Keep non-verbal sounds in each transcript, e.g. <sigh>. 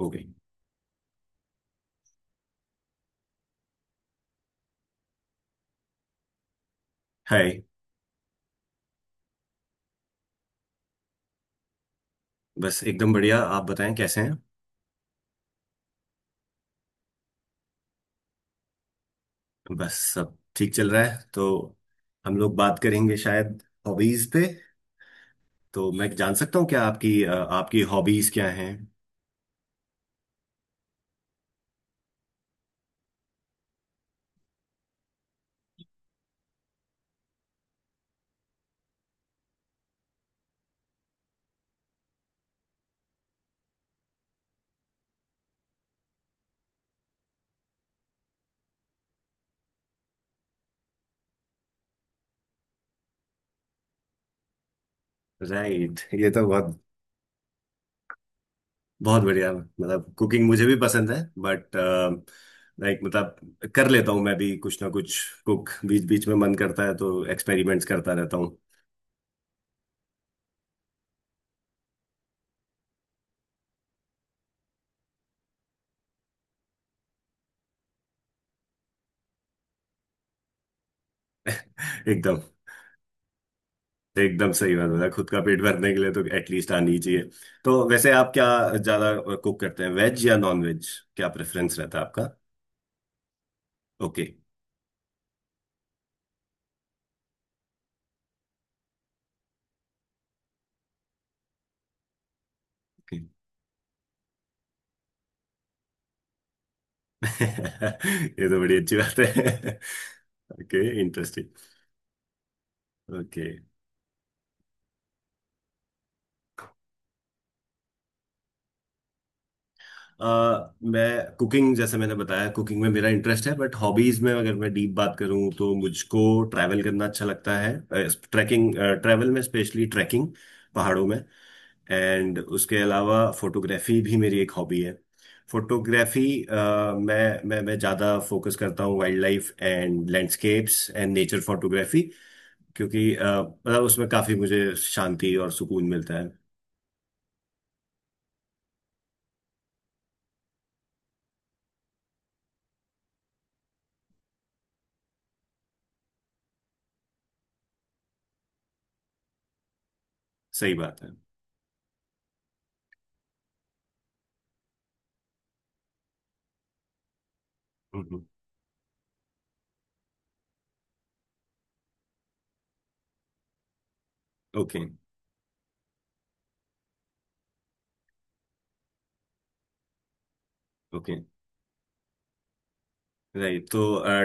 हो गई। हाय। बस एकदम बढ़िया। आप बताएं कैसे हैं। बस सब ठीक चल रहा है तो हम लोग बात करेंगे शायद हॉबीज पे। तो मैं जान सकता हूँ क्या आपकी हॉबीज क्या हैं। राइट। ये तो बहुत बहुत बढ़िया। मतलब कुकिंग मुझे भी पसंद है बट लाइक मतलब कर लेता हूँ मैं भी कुछ ना कुछ कुक। बीच बीच में मन करता है तो एक्सपेरिमेंट्स करता रहता हूँ। <laughs> एकदम। एकदम सही बात बताया। खुद का पेट भरने के लिए तो एटलीस्ट आनी चाहिए। तो वैसे आप क्या ज्यादा कुक करते हैं वेज या नॉन वेज। क्या प्रेफरेंस रहता है आपका। ओके। ओके। <laughs> ये तो बड़ी अच्छी बात है। <laughs> ओके। इंटरेस्टिंग। ओके। आ, मैं कुकिंग जैसे मैंने बताया कुकिंग में मेरा इंटरेस्ट है बट हॉबीज में अगर मैं डीप बात करूं तो मुझको ट्रैवल करना अच्छा लगता है। ट्रैकिंग। ट्रैवल में स्पेशली ट्रैकिंग पहाड़ों में। एंड उसके अलावा फोटोग्राफी भी मेरी एक हॉबी है। फोटोग्राफी। मैं ज़्यादा फोकस करता हूँ wild life and landscapes and nature photography. क्योंकि मतलब उसमें काफ़ी मुझे शांति और सुकून मिलता है। सही बात है। ओके। ओके। राइट। तो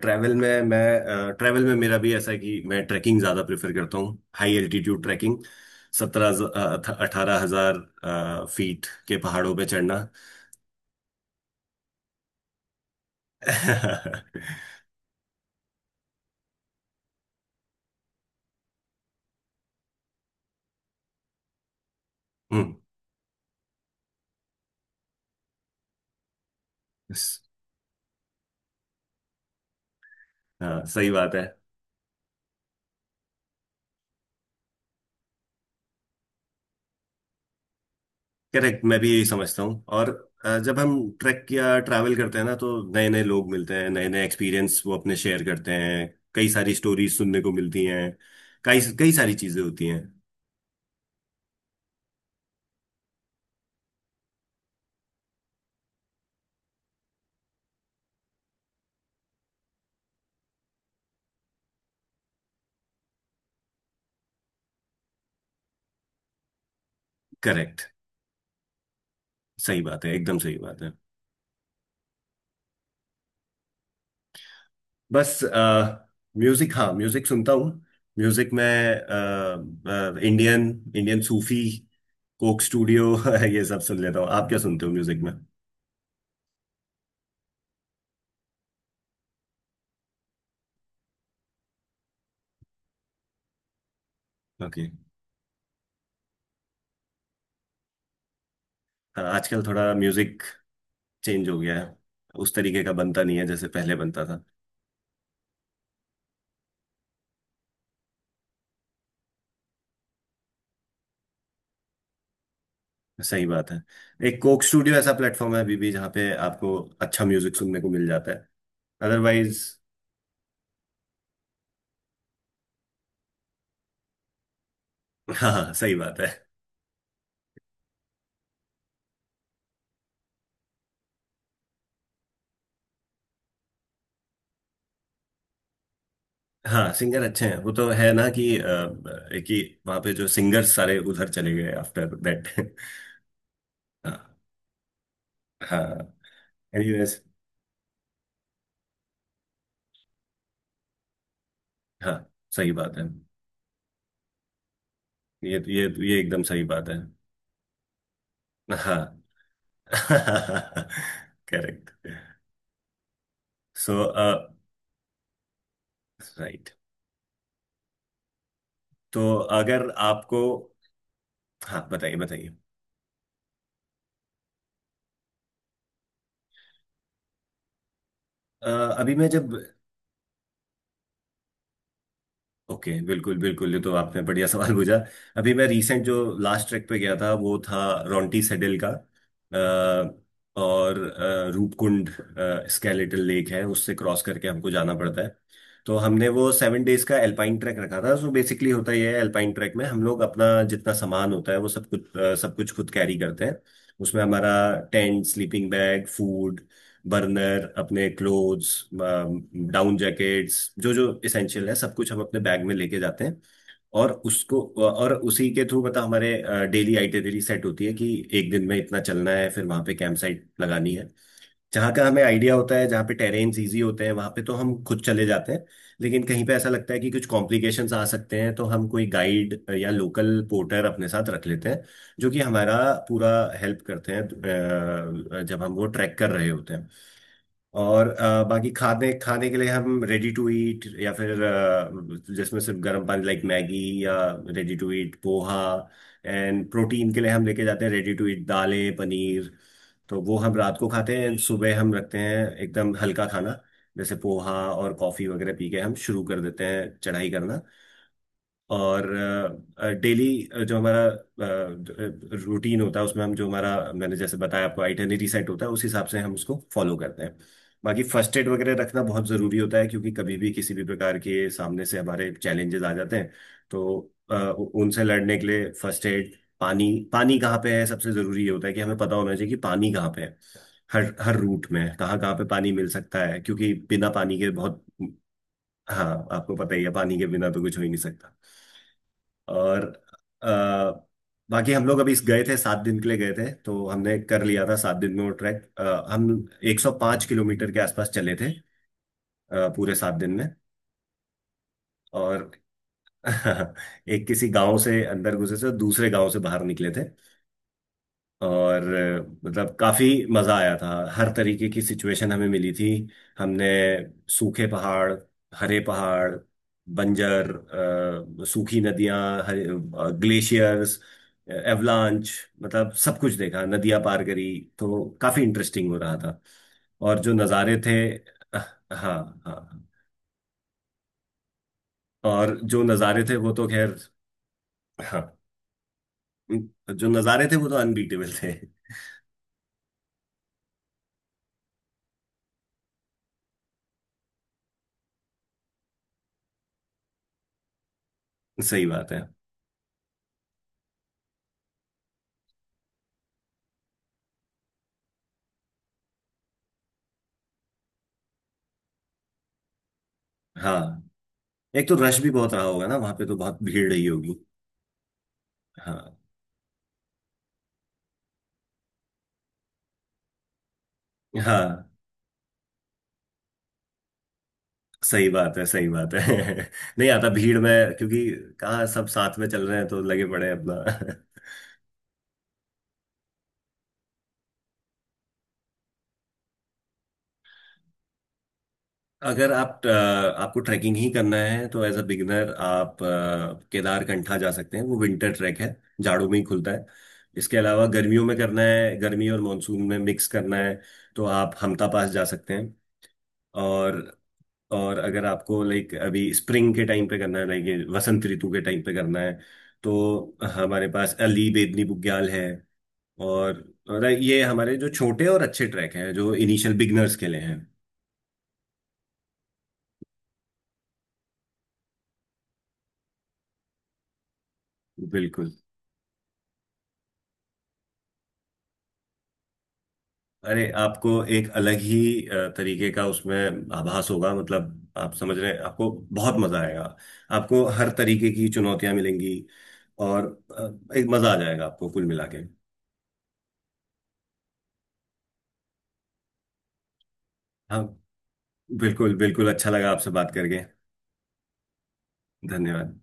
ट्रैवल में मेरा भी ऐसा है कि मैं ट्रैकिंग ज़्यादा प्रेफर करता हूँ। High altitude trekking. 17-18 हज़ार फीट के पहाड़ों पे चढ़ना। <laughs> हम्म, हाँ सही बात है। करेक्ट। मैं भी यही समझता हूँ। और जब हम ट्रैक या ट्रैवल करते हैं ना तो नए नए लोग मिलते हैं, नए नए एक्सपीरियंस वो अपने शेयर करते हैं। कई सारी स्टोरीज सुनने को मिलती हैं। कई कई सारी चीजें होती हैं। करेक्ट। सही बात है। एकदम सही बात है। बस म्यूजिक। हाँ म्यूजिक सुनता हूँ। म्यूजिक में इंडियन, इंडियन सूफी, कोक स्टूडियो। <laughs> ये सब सुन लेता हूँ। आप क्या सुनते हो म्यूजिक में। ओके। हाँ, आजकल थोड़ा म्यूजिक चेंज हो गया है। उस तरीके का बनता नहीं है जैसे पहले बनता था। सही बात है। एक कोक स्टूडियो ऐसा प्लेटफॉर्म है अभी भी जहाँ पे आपको अच्छा म्यूजिक सुनने को मिल जाता है। अदरवाइज। <laughs> हाँ, हाँ, सही बात है। हाँ सिंगर अच्छे हैं वो तो है ना। कि वहाँ पे जो सिंगर सारे उधर चले गए आफ्टर दैट। <laughs> हाँ। हाँ। एनीवेज। हाँ सही बात है। ये एकदम सही बात है। हाँ। <laughs> करेक्ट। सो। राइट। तो अगर आपको। हाँ बताइए बताइए। अ, अभी मैं जब। ओके, बिल्कुल बिल्कुल। ये तो आपने बढ़िया सवाल पूछा। अभी मैं रिसेंट जो लास्ट ट्रैक पे गया था वो था रोंटी सेडल का। और रूपकुंड स्केलेटल लेक है उससे क्रॉस करके हमको जाना पड़ता है। तो हमने वो 7 डेज का एल्पाइन ट्रैक रखा था। सो बेसिकली होता ये है एल्पाइन ट्रैक में हम लोग अपना जितना सामान होता है वो सब कुछ खुद कैरी करते हैं। उसमें हमारा tent, sleeping bag, food, burner, अपने क्लोथ्स, डाउन जैकेट्स, जो जो इसेंशियल है सब कुछ हम अपने बैग में लेके जाते हैं। और उसको और उसी के थ्रू पता हमारे डेली आइटनरी सेट होती है कि एक दिन में इतना चलना है फिर वहां पे कैंप साइट लगानी है। जहाँ का हमें आइडिया होता है जहाँ पे टेरेन्स इजी होते हैं वहां पे तो हम खुद चले जाते हैं। लेकिन कहीं पे ऐसा लगता है कि कुछ कॉम्प्लिकेशंस आ सकते हैं तो हम कोई गाइड या लोकल पोर्टर अपने साथ रख लेते हैं जो कि हमारा पूरा हेल्प करते हैं जब हम वो ट्रैक कर रहे होते हैं। और बाकी खाने खाने के लिए हम रेडी टू ईट या फिर जिसमें सिर्फ गर्म पानी, लाइक मैगी या ready to eat poha. And protein के लिए हम लेके जाते हैं रेडी टू ईट दालें, पनीर। तो वो हम रात को खाते हैं and सुबह हम रखते हैं एकदम हल्का खाना जैसे पोहा और कॉफी वगैरह पी के हम शुरू कर देते हैं चढ़ाई करना। और डेली जो हमारा रूटीन होता है उसमें हम जो हमारा मैंने जैसे बताया आपको आइटनरी सेट होता है उस हिसाब से हम उसको फॉलो करते हैं। बाकी फर्स्ट एड वगैरह रखना बहुत ज़रूरी होता है क्योंकि कभी भी किसी भी प्रकार के सामने से हमारे चैलेंजेस आ जाते हैं। तो उनसे लड़ने के लिए फर्स्ट एड, पानी। पानी कहाँ पे है सबसे ज़रूरी ये होता है कि हमें पता होना चाहिए कि पानी कहाँ पे है। हर हर रूट में कहाँ कहाँ पे पानी मिल सकता है क्योंकि बिना पानी के बहुत। हाँ आपको पता ही है पानी के बिना तो कुछ हो ही नहीं सकता। और अ, बाकी हम लोग अभी इस गए थे 7 दिन के लिए, गए थे तो हमने कर लिया था 7 दिन में वो ट्रैक। हम 105 किलोमीटर के आसपास चले थे पूरे 7 दिन में। और <laughs> एक किसी गांव से अंदर घुसे थे दूसरे गांव से बाहर निकले थे। और मतलब काफी मजा आया था। हर तरीके की सिचुएशन हमें मिली थी। हमने सूखे पहाड़, हरे पहाड़, बंजर, सूखी नदियां, हरे ग्लेशियर्स, एवलांच, मतलब सब कुछ देखा। नदियां पार करी। तो काफी इंटरेस्टिंग हो रहा था। और जो नज़ारे थे। हाँ हाँ हाँ। और जो नज़ारे थे वो तो खैर। हाँ जो नज़ारे थे वो तो अनबीटेबल थे। <laughs> सही बात है। हाँ एक तो रश भी बहुत रहा होगा ना वहां पे, तो बहुत भीड़ रही होगी। हाँ हाँ सही बात है, सही बात है। <laughs> नहीं आता भीड़ में क्योंकि कहाँ सब साथ में चल रहे हैं तो लगे पड़े हैं अपना। <laughs> अगर आपको ट्रैकिंग ही करना है तो एज अ बिगिनर आप केदारकंठा जा सकते हैं। वो विंटर ट्रैक है। जाड़ों में ही खुलता है। इसके अलावा गर्मियों में करना है, गर्मी और मानसून में मिक्स करना है, तो आप हमता पास जा सकते हैं। और और अगर आपको लाइक अभी स्प्रिंग के टाइम पे करना है, लाइक ये वसंत ऋतु के टाइम पे करना है, तो हमारे पास अली बेदनी बुग्याल है। और और ये हमारे जो छोटे और अच्छे ट्रैक हैं जो इनिशियल बिगनर्स के लिए हैं। बिल्कुल। अरे आपको एक अलग ही तरीके का उसमें आभास होगा। मतलब आप समझ रहे हैं। आपको बहुत मजा आएगा। आपको हर तरीके की चुनौतियां मिलेंगी। और एक मजा आ जाएगा आपको कुल मिला के। हाँ बिल्कुल बिल्कुल, अच्छा लगा आपसे बात करके। धन्यवाद।